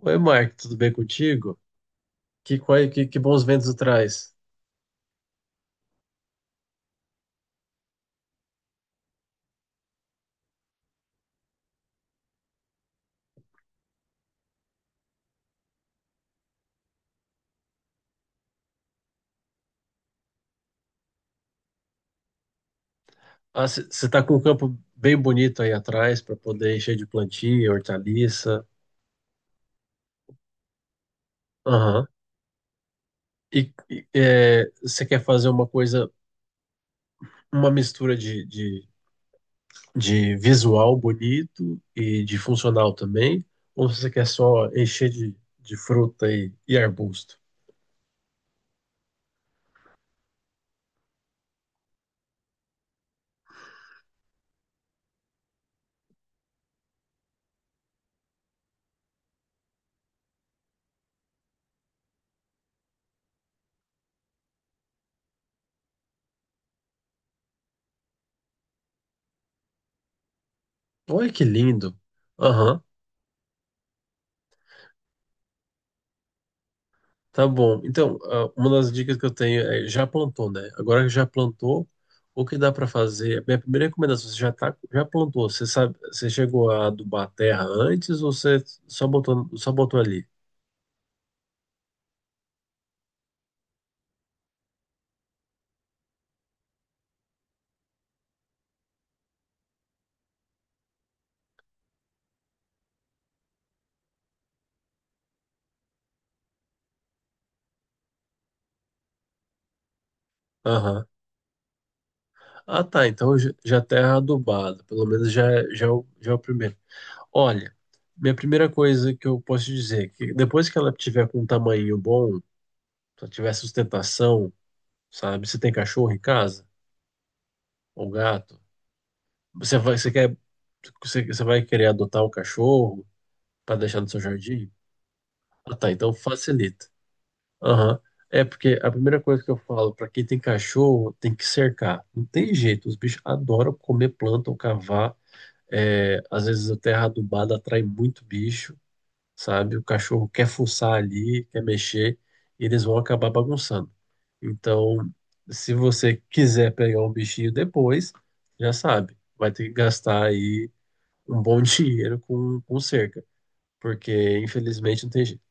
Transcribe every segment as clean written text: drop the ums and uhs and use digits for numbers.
Oi, Mark, tudo bem contigo? Que bons ventos traz. Ah, você tá com um campo bem bonito aí atrás para poder encher de plantio, hortaliça. Aham. E você quer fazer uma coisa, uma mistura de visual bonito e de funcional também? Ou você quer só encher de fruta e arbusto? Olha que lindo. Tá bom. Então, uma das dicas que eu tenho é já plantou, né? Agora que já plantou, o que dá para fazer? Minha primeira recomendação, já plantou, você sabe, você chegou a adubar a terra antes ou você só botou ali? Aham. Ah, tá, então já terra adubada, pelo menos já já é o primeiro. Olha, minha primeira coisa que eu posso te dizer, é que depois que ela tiver com um tamanho bom, se ela tiver sustentação, sabe? Você tem cachorro em casa ou gato? Você vai, você quer, você vai querer adotar o cachorro para deixar no seu jardim? Ah, tá, então facilita. Aham. É porque a primeira coisa que eu falo para quem tem cachorro tem que cercar. Não tem jeito, os bichos adoram comer planta ou cavar. É, às vezes a terra adubada atrai muito bicho, sabe? O cachorro quer fuçar ali, quer mexer, e eles vão acabar bagunçando. Então, se você quiser pegar um bichinho depois, já sabe, vai ter que gastar aí um bom dinheiro com cerca, porque infelizmente não tem jeito.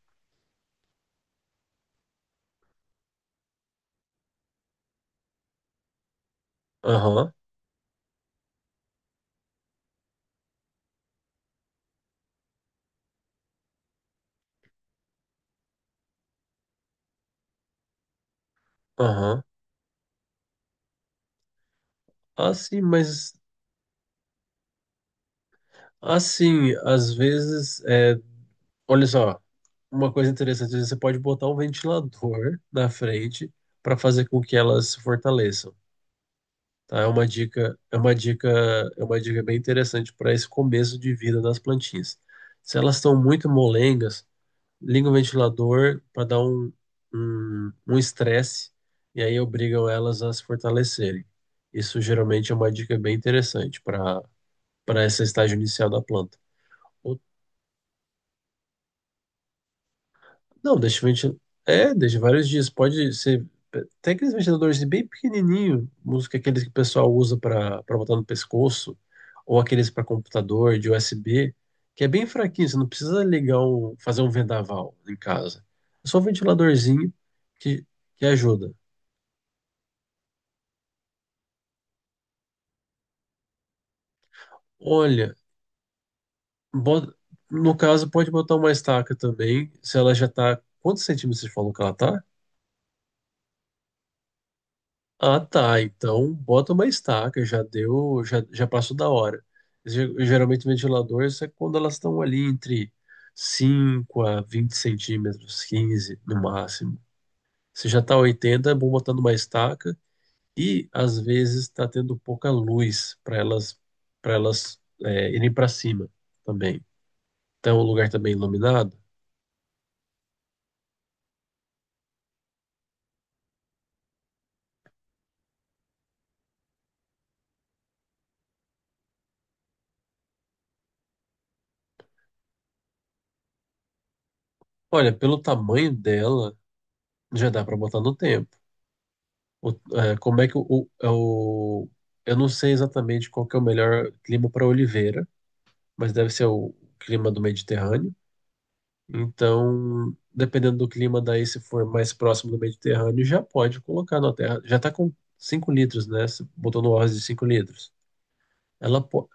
Aham, aham. Assim, mas assim, às vezes, olha só, uma coisa interessante, às vezes você pode botar um ventilador na frente para fazer com que elas se fortaleçam. Tá? É uma dica, é uma dica, é uma dica bem interessante para esse começo de vida das plantinhas. Se elas estão muito molengas, liga o ventilador para dar um estresse e aí obrigam elas a se fortalecerem. Isso geralmente é uma dica bem interessante para esse estágio inicial da planta. Ou Não, deixa o ventilador. É, deixa vários dias. Pode ser. Tem aqueles ventiladores bem pequenininho, uns que aqueles que o pessoal usa para botar no pescoço, ou aqueles para computador de USB, que é bem fraquinho. Você não precisa fazer um vendaval em casa. É só um ventiladorzinho que, que ajuda. Olha, bota- no caso, pode botar uma estaca também, se ela já tá. Quantos centímetros você falou que ela tá? Ah, tá. Então bota uma estaca, já deu, já passou da hora. Geralmente ventiladores é quando elas estão ali entre 5 a 20 cm, 15 no máximo. Se já tá 80, é bom botando uma estaca e às vezes está tendo pouca luz para elas irem para cima também. Então o lugar também iluminado. Olha, pelo tamanho dela, já dá para botar no tempo. Como é que o é o-. Eu não sei exatamente qual que é o melhor clima para oliveira, mas deve ser o clima do Mediterrâneo. Então, dependendo do clima daí, se for mais próximo do Mediterrâneo, já pode colocar na terra. Já está com 5 litros, né? Você botou no arroz de 5 litros. Ela pode.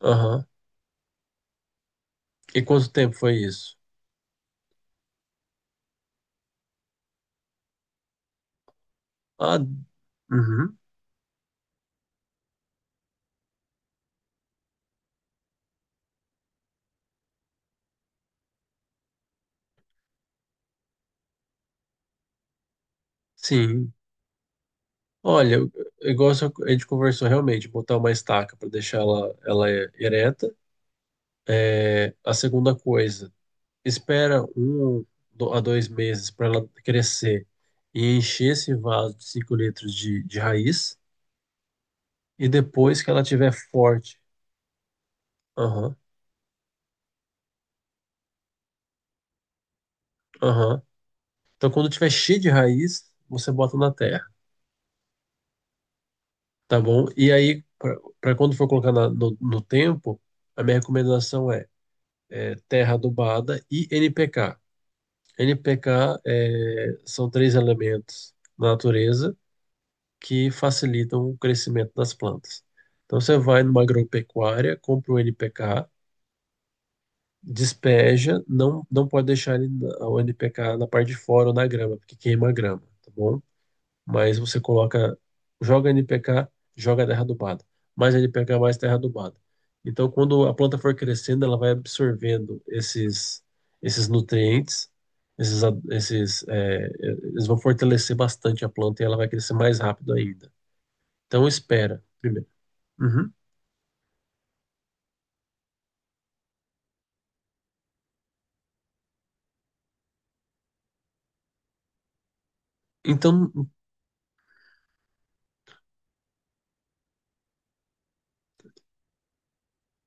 Aham. E quanto tempo foi isso? Ah, uhum. Sim. Olha, eu gosto a gente conversou realmente, botar uma estaca para deixar ela ereta. É, a segunda coisa, espera a 2 meses para ela crescer e encher esse vaso de 5 litros de raiz. E depois que ela tiver forte, aham, aham. Então, quando tiver cheio de raiz, você bota na terra, tá bom? E aí, para quando for colocar no tempo, a minha recomendação é terra adubada e NPK. NPK são três elementos na natureza que facilitam o crescimento das plantas. Então você vai numa agropecuária, compra um NPK, despeja, não pode deixar ele, o NPK na parte de fora ou na grama, porque queima a grama, tá bom? Mas você coloca, joga NPK, joga terra adubada, mais NPK, mais terra adubada. Então quando a planta for crescendo, ela vai absorvendo esses nutrientes, esses, a- esses, é, eles vão fortalecer bastante a planta e ela vai crescer mais rápido ainda. Então espera, primeiro. Uhum. Então,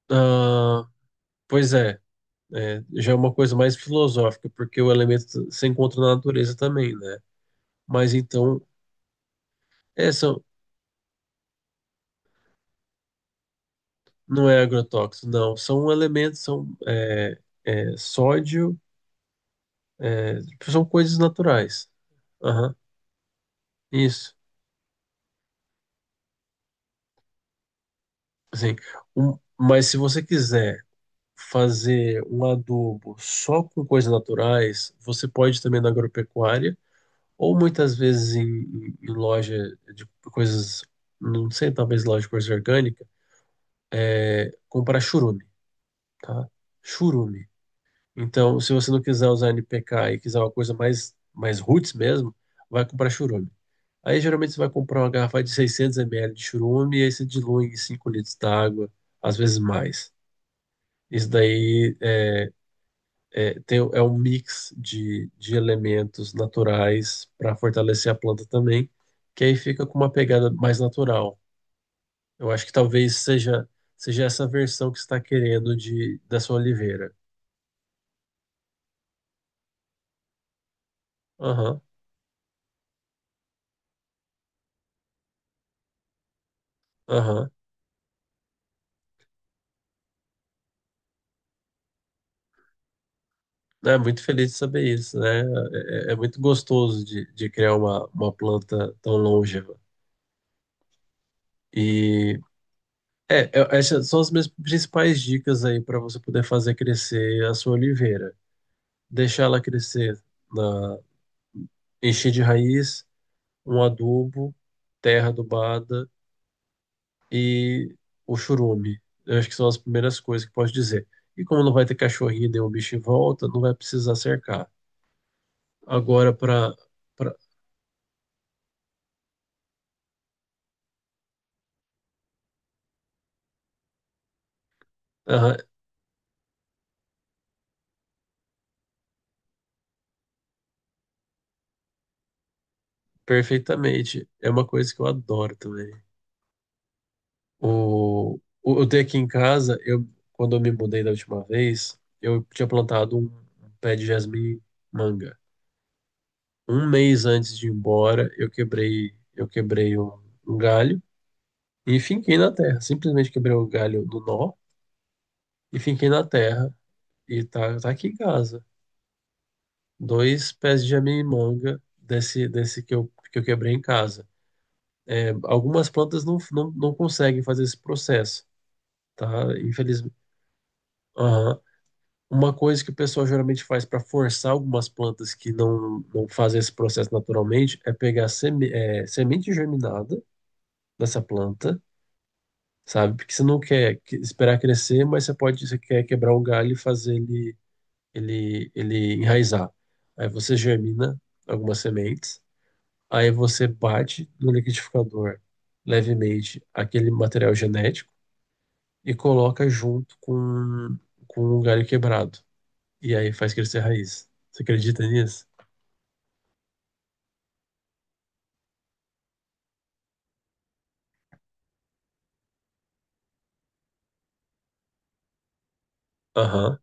ah, pois é, já é uma coisa mais filosófica, porque o elemento se encontra na natureza também, né? Mas então, essa não é agrotóxico, não. São elementos, sódio, é, são coisas naturais. Aham, isso. Assim, mas se você quiser fazer um adubo só com coisas naturais, você pode também na agropecuária ou muitas vezes em, em loja de coisas, não sei, talvez loja de coisa orgânica, comprar churume, tá? Churume. Então, se você não quiser usar NPK e quiser uma coisa mais roots mesmo, vai comprar churume. Aí, geralmente, você vai comprar uma garrafa de 600 ml de churume e aí você dilui em 5 litros d'água, às vezes mais. Isso daí é um mix de elementos naturais para fortalecer a planta também, que aí fica com uma pegada mais natural. Eu acho que talvez seja essa versão que você está querendo da sua oliveira. Aham, aham. É muito feliz de saber isso, né? É muito gostoso de criar uma planta tão longeva. E essas são as minhas principais dicas aí para você poder fazer crescer a sua oliveira. Deixar ela crescer na, enchi de raiz, um adubo, terra adubada e o churume. Eu acho que são as primeiras coisas que posso dizer. E como não vai ter cachorrinho nem o bicho em volta, não vai precisar cercar. Agora, para. Perfeitamente. É uma coisa que eu adoro também. Eu tenho aqui em casa, quando eu me mudei da última vez, eu tinha plantado um pé de jasmim manga. Um mês antes de ir embora, eu quebrei um galho. E finquei na terra. Simplesmente quebrei o galho do nó e finquei na terra. E tá aqui em casa. Dois pés de jamimanga desse que eu quebrei em casa. É, algumas plantas não conseguem fazer esse processo, tá? Infelizmente. Aham. Uma coisa que o pessoal geralmente faz para forçar algumas plantas que não fazem esse processo naturalmente é pegar semente germinada dessa planta, sabe? Porque você não quer esperar crescer, mas você quer quebrar o galho e fazer ele enraizar. Aí você germina algumas sementes, aí você bate no liquidificador levemente aquele material genético e coloca junto com um galho quebrado. E aí faz crescer raiz. Você acredita nisso? Aham,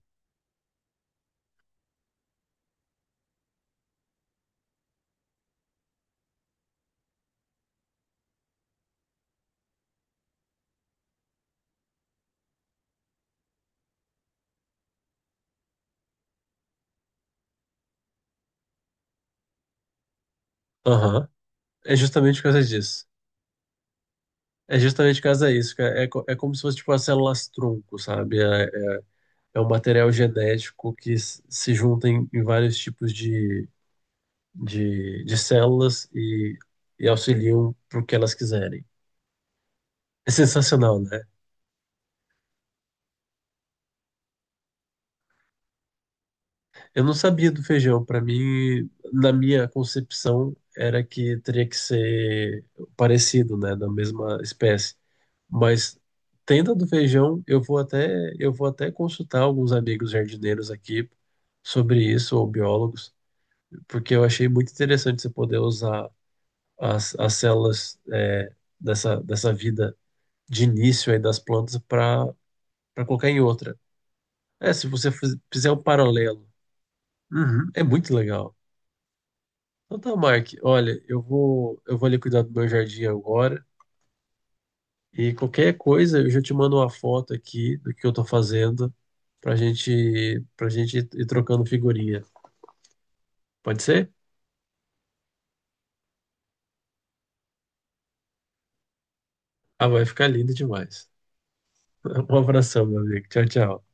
aham. É justamente por causa disso. É justamente por causa disso, cara. É, é como se fosse tipo as células tronco, sabe? É um material genético que se junta em vários tipos de células e auxiliam para o que elas quiserem. É sensacional, né? Eu não sabia do feijão. Para mim, na minha concepção, era que teria que ser parecido, né, da mesma espécie. Mas tenda do feijão, eu vou até consultar alguns amigos jardineiros aqui sobre isso ou biólogos, porque eu achei muito interessante você poder usar as células dessa vida de início aí das plantas para colocar em outra. É, se você fizer um paralelo, uhum. É muito legal. Então tá, Mark, olha, eu vou ali cuidar do meu jardim agora e qualquer coisa eu já te mando uma foto aqui do que eu tô fazendo pra gente ir trocando figurinha. Pode ser? Ah, vai ficar lindo demais. Um abração, meu amigo. Tchau, tchau.